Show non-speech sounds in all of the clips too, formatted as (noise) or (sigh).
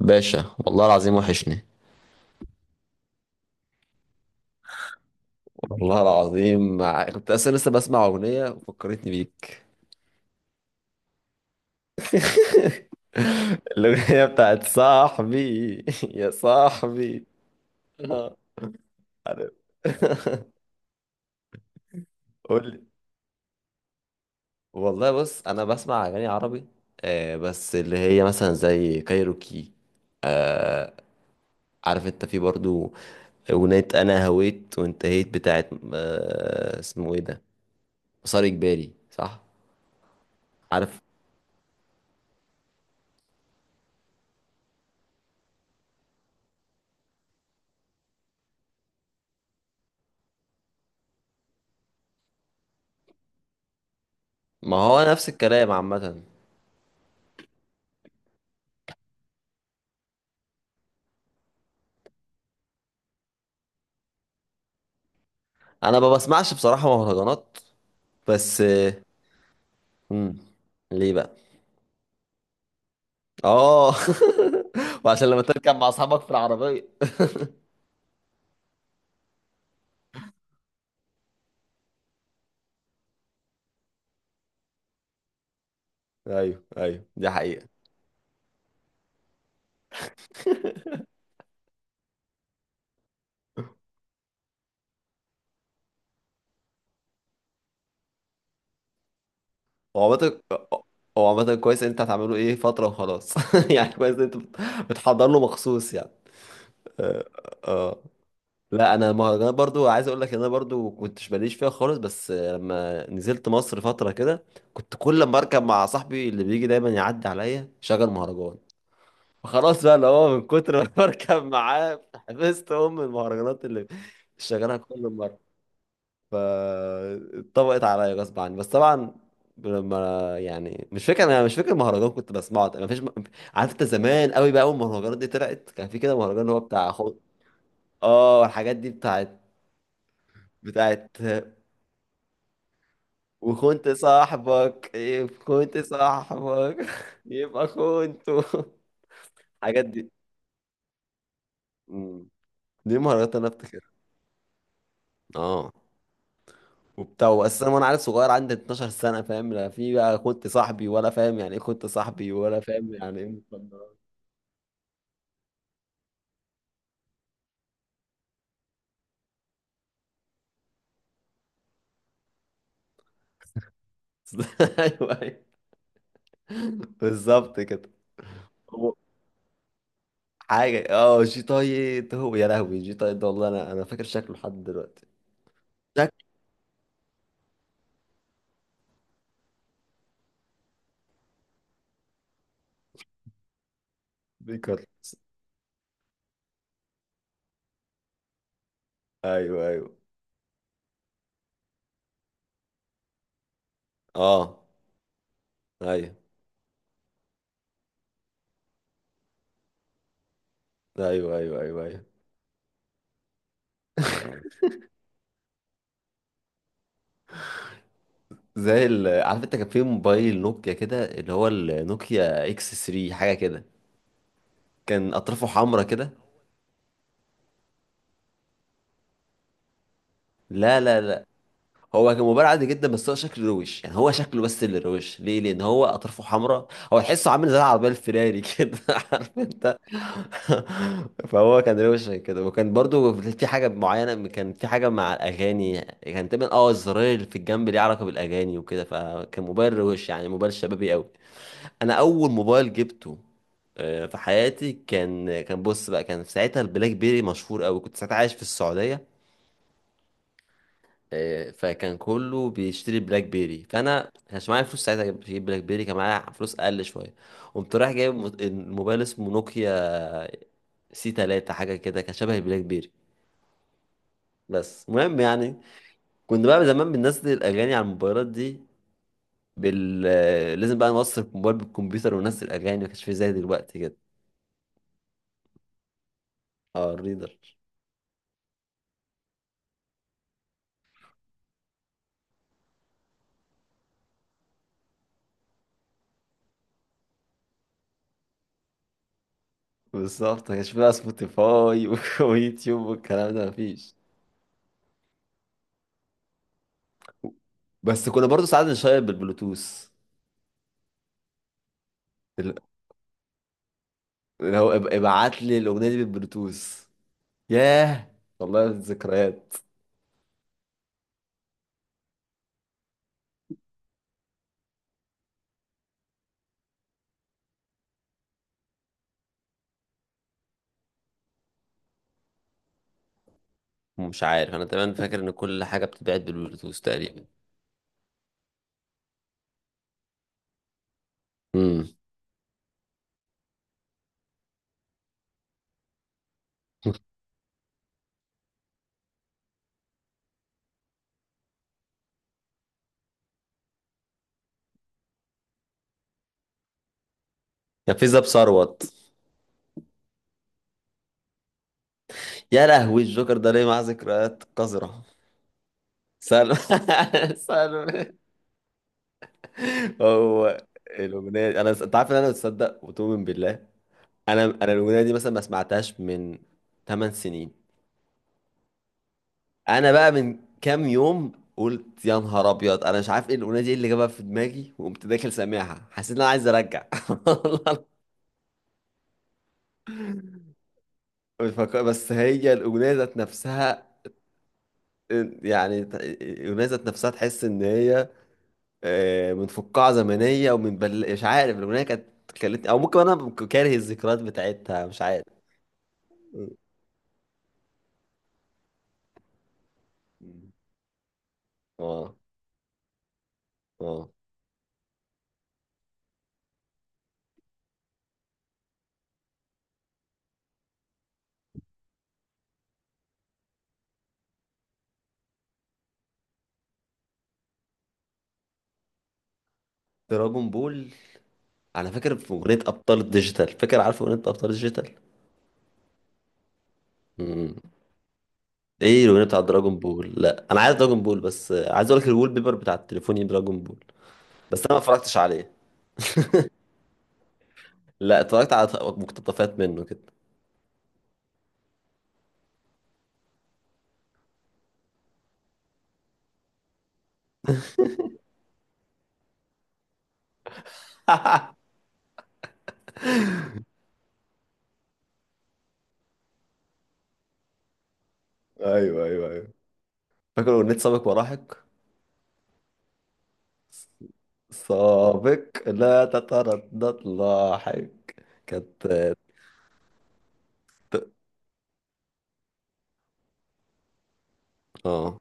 باشا، والله العظيم وحشني. والله العظيم كنت اصلا لسه بسمع اغنيه وفكرتني بيك. (laughs) الاغنيه بتاعت صاحبي، يا صاحبي. آه، عارف. (laughs) قول لي. والله بص، انا بسمع اغاني عربي. بس اللي هي مثلا زي كايروكي. آه عارف انت في برضو اغنيه انا هويت وانتهيت بتاعت، اسمه ايه ده، مسار اجباري، صح؟ عارف؟ ما هو نفس الكلام عامة. انا ما بسمعش بصراحة مهرجانات بس. مم. ليه بقى؟ اه. (laughs) وعشان لما تركب مع اصحابك في العربية. ايوه، ايوه، دي حقيقة. هو عامة هو عامة كويس إن انت هتعمله ايه فترة وخلاص. (laughs) يعني كويس إن انت بتحضر له مخصوص يعني. اه. آه. لا، انا المهرجانات برضو عايز اقول لك ان انا برضو كنتش ماليش فيها خالص. بس لما نزلت مصر فترة كده كنت كل ما اركب مع صاحبي اللي بيجي دايما يعدي عليا شغل مهرجان. فخلاص بقى، اللي هو من كتر ما (laughs) بركب معاه حفظت ام المهرجانات اللي شغالها كل مره. فاتطبقت عليا غصب عني. بس طبعا لما، يعني، مش فاكر المهرجان كنت بسمعه ما فيش. عارف انت، زمان قوي بقى، اول ما المهرجانات دي طلعت كان في كده مهرجان اللي هو بتاع اه، الحاجات دي بتاعت، بتاعت وكنت صاحبك، كنت صاحبك. (laughs) يبقى كنت. (laughs) الحاجات دي. مم. دي المهرجانات اللي انا افتكرها. اه، وبتاع. بس انا، وانا عيل صغير عندي 12 سنه، فاهم لا في بقى كنت صاحبي، ولا فاهم يعني ايه كنت صاحبي، ولا فاهم يعني ايه مخدرات. (laughs) ايوه، أيوة. بالظبط كده. هو حاجه، جي طايد. هو يا لهوي جي طايد ده، والله انا فاكر شكله لحد دلوقتي. شكله. بيكرس. ايوه، ايوه. اه. ايوه، ايوه، ايوه، ايوه، ايوه. (laughs) عارف انت، كان في موبايل نوكيا كده، اللي هو النوكيا اكس 3 حاجه كده، كان اطرافه حمرا كده. لا، لا، لا. هو كان مباراة عادي جدا، بس هو شكله روش يعني، هو شكله، بس اللي روش ليه لان هو اطرافه حمراء. هو تحسه عامل زي العربيه الفيراري كده. (laughs) عارف انت؟ (laughs) فهو كان روش كده، وكان برضو في حاجه معينه، كان في حاجه مع الاغاني، كان تقريبا الزراير اللي في الجنب ليه علاقه بالاغاني وكده، فكان موبايل روش، يعني موبايل شبابي قوي. انا اول موبايل جبته في حياتي كان، كان بص بقى كان في ساعتها البلاك بيري مشهور قوي، كنت ساعتها عايش في السعوديه. فكان كله بيشتري بلاك بيري، فانا كانش معايا فلوس ساعتها اجيب بلاك بيري، كان معايا فلوس اقل شويه. قمت رايح جايب الموبايل اسمه نوكيا سي 3 حاجه كده، كان شبه البلاك بيري. بس المهم يعني كنت بقى زمان بننزل الاغاني على الموبايلات دي بال آه، لازم بقى نوصل الموبايل بالكمبيوتر وننزل الاغاني، ما كانش في زي دلوقتي كده. اه، الريدر. بالظبط ما كانش في بقى سبوتيفاي (laughs) ويوتيوب والكلام ده مفيش. بس كنا برضو ساعات نشير بالبلوتوث، اللي هو ابعت لي الاغنيه دي بالبلوتوث. ياه، والله ذكريات. مش عارف انا، تمام، فاكر ان كل حاجه بتتبعت بالبلوتوث تقريبا. امم. كان في زاب ثروت. يا لهوي، الجوكر ده ليه معاه ذكريات قذره. سالم. (laughs) سالم. هو الاغنيه دي- انا، انت عارف ان انا بتصدق وتؤمن بالله، انا الاغنيه دي مثلا ما سمعتهاش من 8 سنين. انا بقى من كام يوم قلت يا نهار ابيض، انا مش عارف ايه الاغنيه دي، إيه اللي جابها في دماغي؟ وقمت داخل سامعها، حسيت ان انا عايز ارجع. (laughs) والله. مش فاكر- بس هي الاغنيه ذات نفسها، يعني الاغنيه ذات نفسها، تحس ان هي من فقاعه زمنيه ومن مش عارف، الاغنيه كانت خلتني، او ممكن انا كاره الذكريات بتاعتها، مش عارف. (laughs) اه. اه. دراجون بول. انا فاكر في اغنيه ابطال الديجيتال، فاكر، عارف اغنيه ابطال الديجيتال؟ ايه الاغنيه بتاعت دراجون بول؟ لا، انا عايز دراجون بول، بس عايز اقول لك الوول بيبر بتاع تليفوني دراجون بول. بس انا ما اتفرجتش عليه. لا، اتفرجت على مقتطفات منه كده. (laughs) ايوه، ايوه، ايوه. فاكر اغنيه سابق ولاحق؟ سابق لا تتردد لاحق. كانت. اه.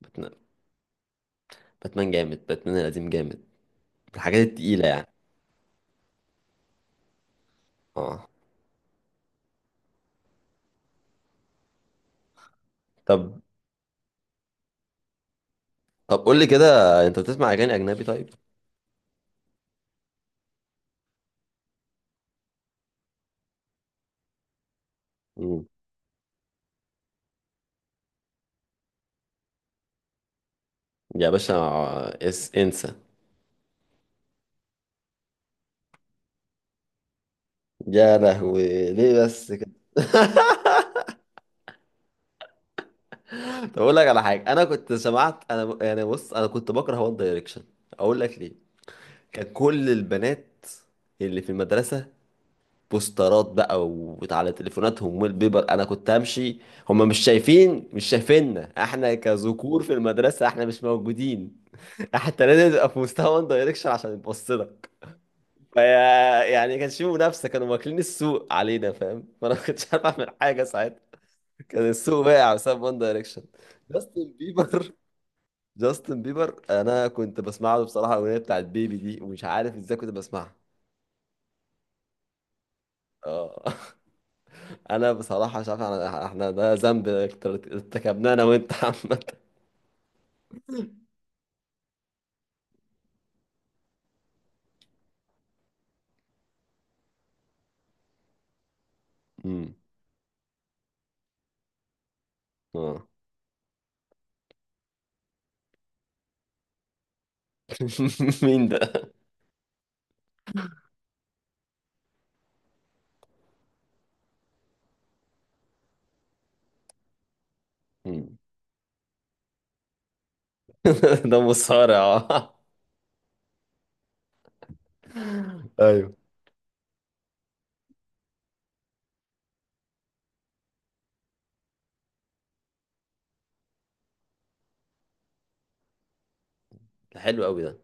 باتمان. باتمان جامد، باتمان القديم جامد، من الحاجات التقيله يعني. اه. طب طب قول لي كده، انت بتسمع اغاني اجنبي طيب؟ مم. يا باشا، اس انسى. يا لهوي، ليه بس؟ طب اقول لك على حاجه، انا كنت سمعت انا يعني بص، انا كنت بكره وان دايركشن. اقول لك ليه؟ كان كل البنات اللي في المدرسه، بوسترات بقى وعلى تليفوناتهم والبيبر. انا كنت همشي، هم مش شايفيننا احنا كذكور في المدرسه، احنا مش موجودين. (laughs) حتى لازم تبقى في مستوى وان دايركشن عشان يبص لك فيا. يعني كانش في منافسه، كانوا واكلين السوق علينا فاهم؟ (laughs) فانا ما كنتش عارف اعمل حاجه ساعتها. كان السوق واقع بسبب وان دايركشن. جاستن بيبر جاستن بيبر انا كنت بسمع له بصراحه الاغنيه بتاعت بيبي دي، ومش عارف ازاي كنت بسمعها. اه. (laughs) انا بصراحه مش عارف، احنا ده ذنب ارتكبناه انا وانت عامه. امم. اه. (laughs) مين ده؟ امم. (laughs) ده مصارع؟ ايوه. ده حلو قوي ده.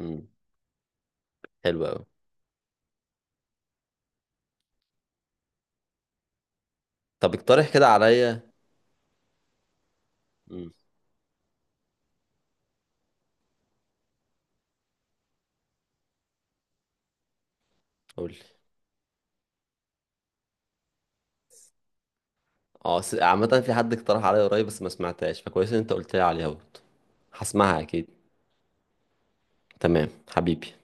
امم. حلو قوي. طب اقترح كده عليا. امم. قول لي. اه. عامه، في حد اقترح عليا قريب بس ما سمعتهاش، فكويس ان انت قلت لي عليها برضه، هسمعها اكيد. تمام حبيبي.